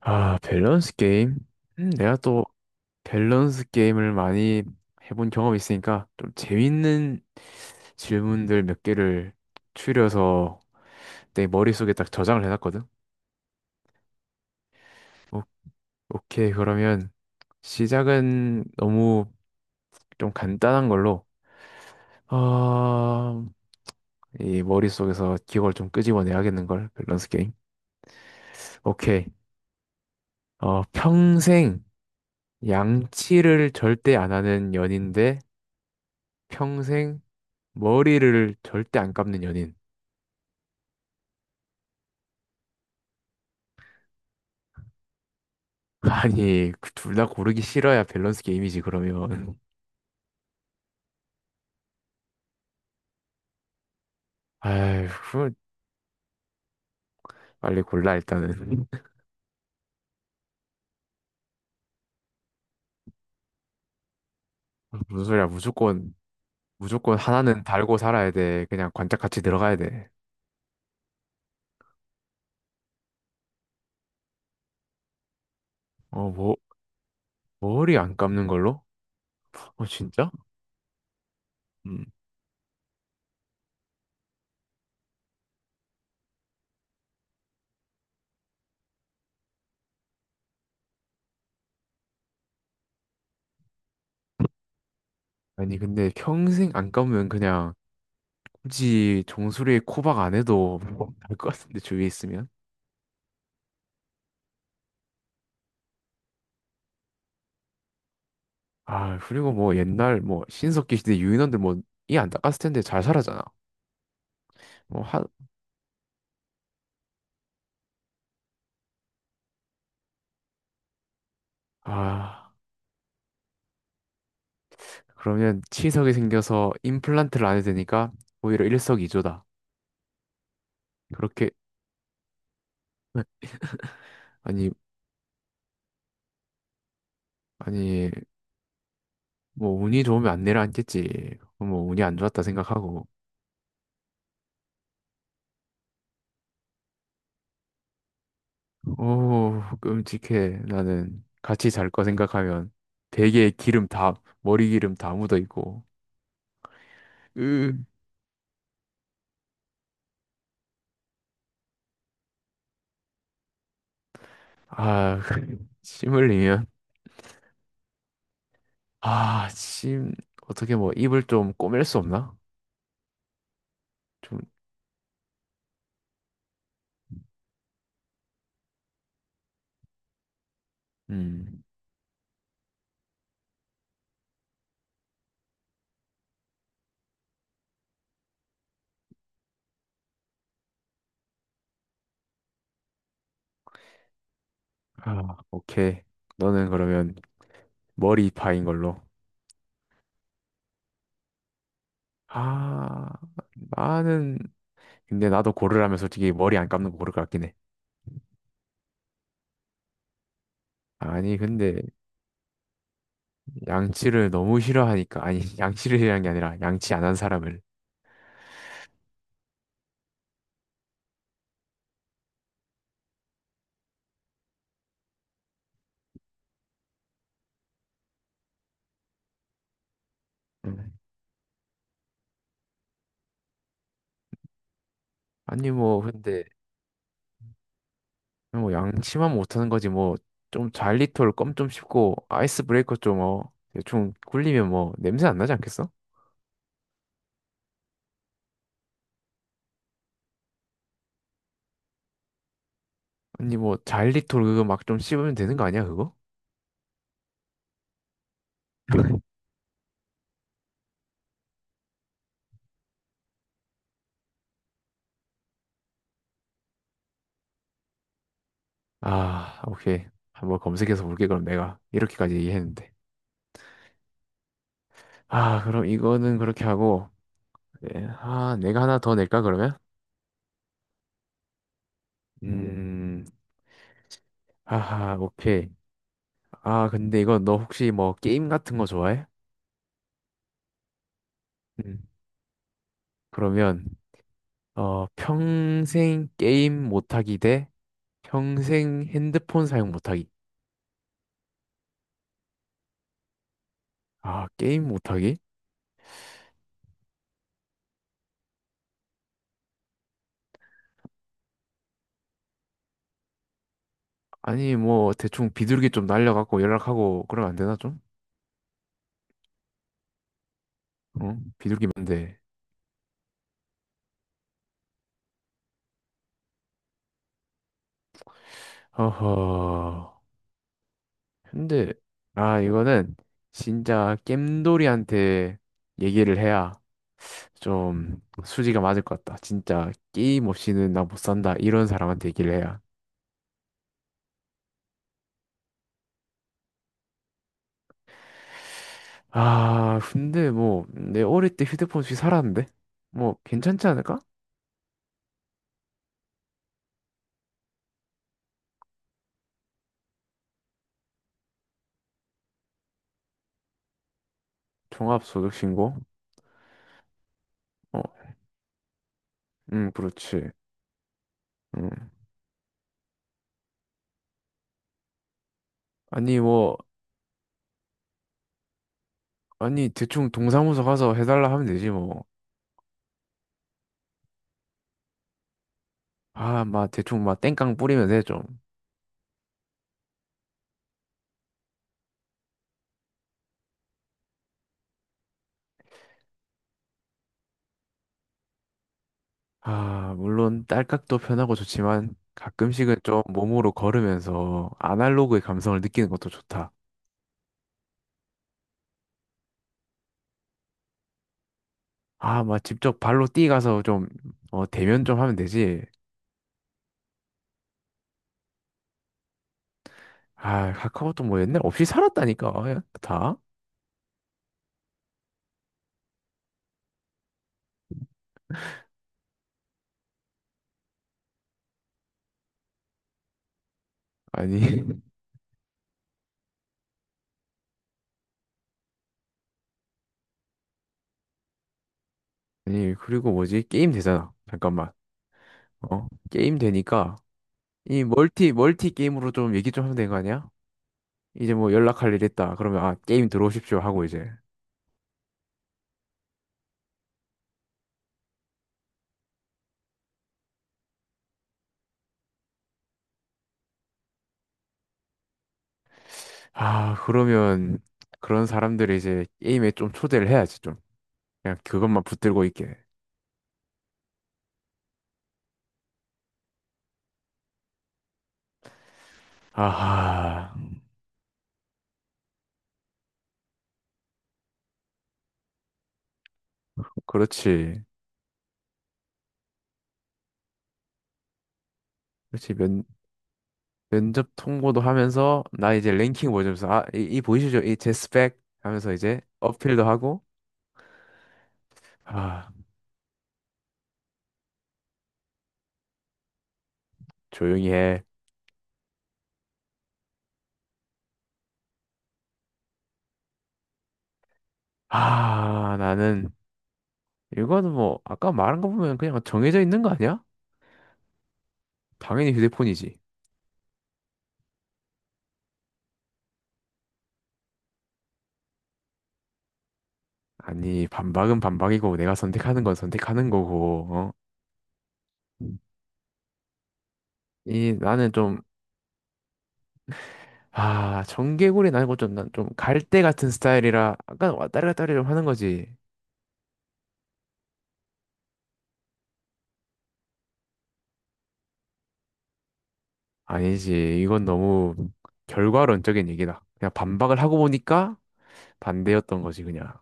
아, 밸런스 게임? 내가 또 밸런스 게임을 많이 해본 경험이 있으니까 좀 재밌는 질문들 몇 개를 추려서 내 머릿속에 딱 저장을 해놨거든. 오, 오케이, 그러면 시작은 너무 좀 간단한 걸로. 어, 이 머릿속에서 기억을 좀 끄집어내야겠는걸, 밸런스 게임. 오케이. 평생 양치를 절대 안 하는 연인데 평생 머리를 절대 안 감는 연인. 아니, 그 둘다 고르기 싫어야 밸런스 게임이지, 그러면. 아휴, 그 빨리 골라, 일단은. 무슨 소리야, 무조건, 무조건 하나는 달고 살아야 돼. 그냥 관짝같이 들어가야 돼. 어, 뭐, 머리 안 감는 걸로? 어, 진짜? 음. 아니, 근데 평생 안 감으면 그냥 굳이 종소리에 코박 안 해도 날 것 같은데, 주위에 있으면. 아, 그리고 뭐 옛날 뭐 신석기 시대 유인원들 뭐 이 안 닦았을 텐데 잘 살았잖아. 뭐 한, 아. 그러면 치석이 생겨서 임플란트를 안 해도 되니까 오히려 일석이조다. 그렇게 아니 아니 뭐 운이 좋으면 안 내려앉겠지. 뭐 운이 안 좋았다 생각하고 오 끔찍해. 나는 같이 잘 거 생각하면 베개에 기름 다 머리 기름 다 묻어 있고 으아 침 흘리면 아침 어떻게 뭐 입을 좀 꼬맬 수 없나? 좀 음 아 오케이 너는 그러면 머리파인 걸로. 아, 나는, 근데 나도 고르라면 솔직히 머리 안 감는 거 고를 것 같긴 해. 아니, 근데 양치를 너무 싫어하니까, 아니, 양치를 싫어하는 게 아니라 양치 안 한 사람을. 음. 아니, 뭐, 근데, 뭐, 양치만 못하는 거지, 뭐, 좀 잘리톨 껌 좀 씹고, 아이스 브레이커 좀, 대충 굴리면 뭐, 냄새 안 나지 않겠어? 아니, 뭐, 잘리톨 그거 막 좀 씹으면 되는 거 아니야, 그거? 아, 오케이. 한번 검색해서 볼게, 그럼 내가. 이렇게까지 얘기했는데. 아, 그럼 이거는 그렇게 하고, 네. 아, 내가 하나 더 낼까, 그러면? 음, 음, 하하, 오케이. 아, 근데 이거 너 혹시 뭐 게임 같은 거 좋아해? 음. 그러면, 평생 게임 못하기 대 평생 핸드폰 사용 못하기. 아, 게임 못하기? 아니, 뭐, 대충 비둘기 좀 날려갖고 연락하고 그러면 안 되나, 좀? 어? 비둘기면 돼. 어허. 근데, 아, 이거는 진짜 겜돌이한테 얘기를 해야 좀 수지가 맞을 것 같다. 진짜 게임 없이는 나 못 산다. 이런 사람한테 얘기를 해야. 아, 근데 뭐 내 어릴 때 휴대폰 없이 살았는데 뭐 괜찮지 않을까? 종합소득신고? 어, 그렇지. 음. 아니 뭐 아니 대충 동사무소 가서 해달라 하면 되지 뭐. 아, 막 대충 막 땡깡 뿌리면 돼 좀. 아, 물론 딸깍도 편하고 좋지만 가끔씩은 좀 몸으로 걸으면서 아날로그의 감성을 느끼는 것도 좋다. 아, 막 직접 발로 뛰어가서 좀, 대면 좀 하면 되지. 아, 카카오톡 뭐 옛날 없이 살았다니까, 아, 다? 아니, 아니, 그리고 뭐지? 게임 되잖아. 잠깐만. 어, 게임 되니까, 이 멀티 게임으로 좀 얘기 좀 하면 되는 거 아니야? 이제 뭐 연락할 일 있다. 그러면, 아, 게임 들어오십시오. 하고 이제. 아, 그러면, 그런 사람들을 이제 게임에 좀 초대를 해야지, 좀. 그냥 그것만 붙들고 있게. 아하, 그렇지. 그렇지. 몇, 면접 통보도 하면서 나 이제 랭킹 보여주면서 아, 이, 이 보이시죠? 이 제 스펙 하면서 이제 어필도 하고 아, 조용히 해. 아, 나는 이거는 뭐 아까 말한 거 보면 그냥 정해져 있는 거 아니야? 당연히 휴대폰이지. 아니, 반박은 반박이고 내가 선택하는 건 선택하는 거고. 어? 이 나는 좀 아, 정개구리 나고 좀난좀 갈대 같은 스타일이라 아까 왔다리 갔다리 좀 하는 거지. 아니지. 이건 너무 결과론적인 얘기다. 그냥 반박을 하고 보니까 반대였던 거지, 그냥.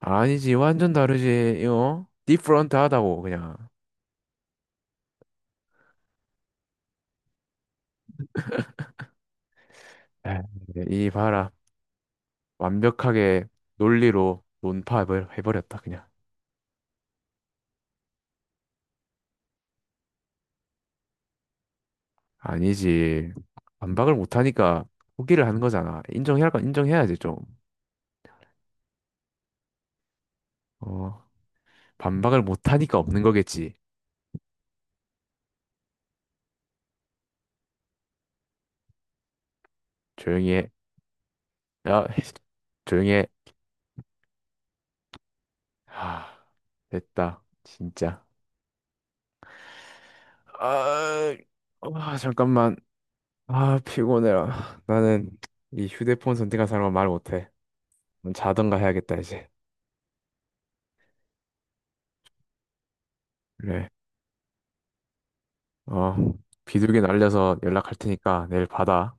아니지. 완전 다르지. 이거 디프런트 하다고, 그냥. 에이, 이 봐라. 완벽하게 논리로 논파해버렸다, 그냥. 아니지. 반박을 못하니까 포기를 하는 거잖아. 인정해야 할 건 인정해야지, 좀. 어, 반박을 못하니까 없는 거겠지. 조용히 해. 야, 조용히 해. 하, 됐다. 진짜. 아, 아, 잠깐만. 아, 피곤해라. 나는 이 휴대폰 선택한 사람은 말 못해. 넌 자던가 해야겠다, 이제. 그래. 어, 비둘기 날려서 연락할 테니까 내일 받아.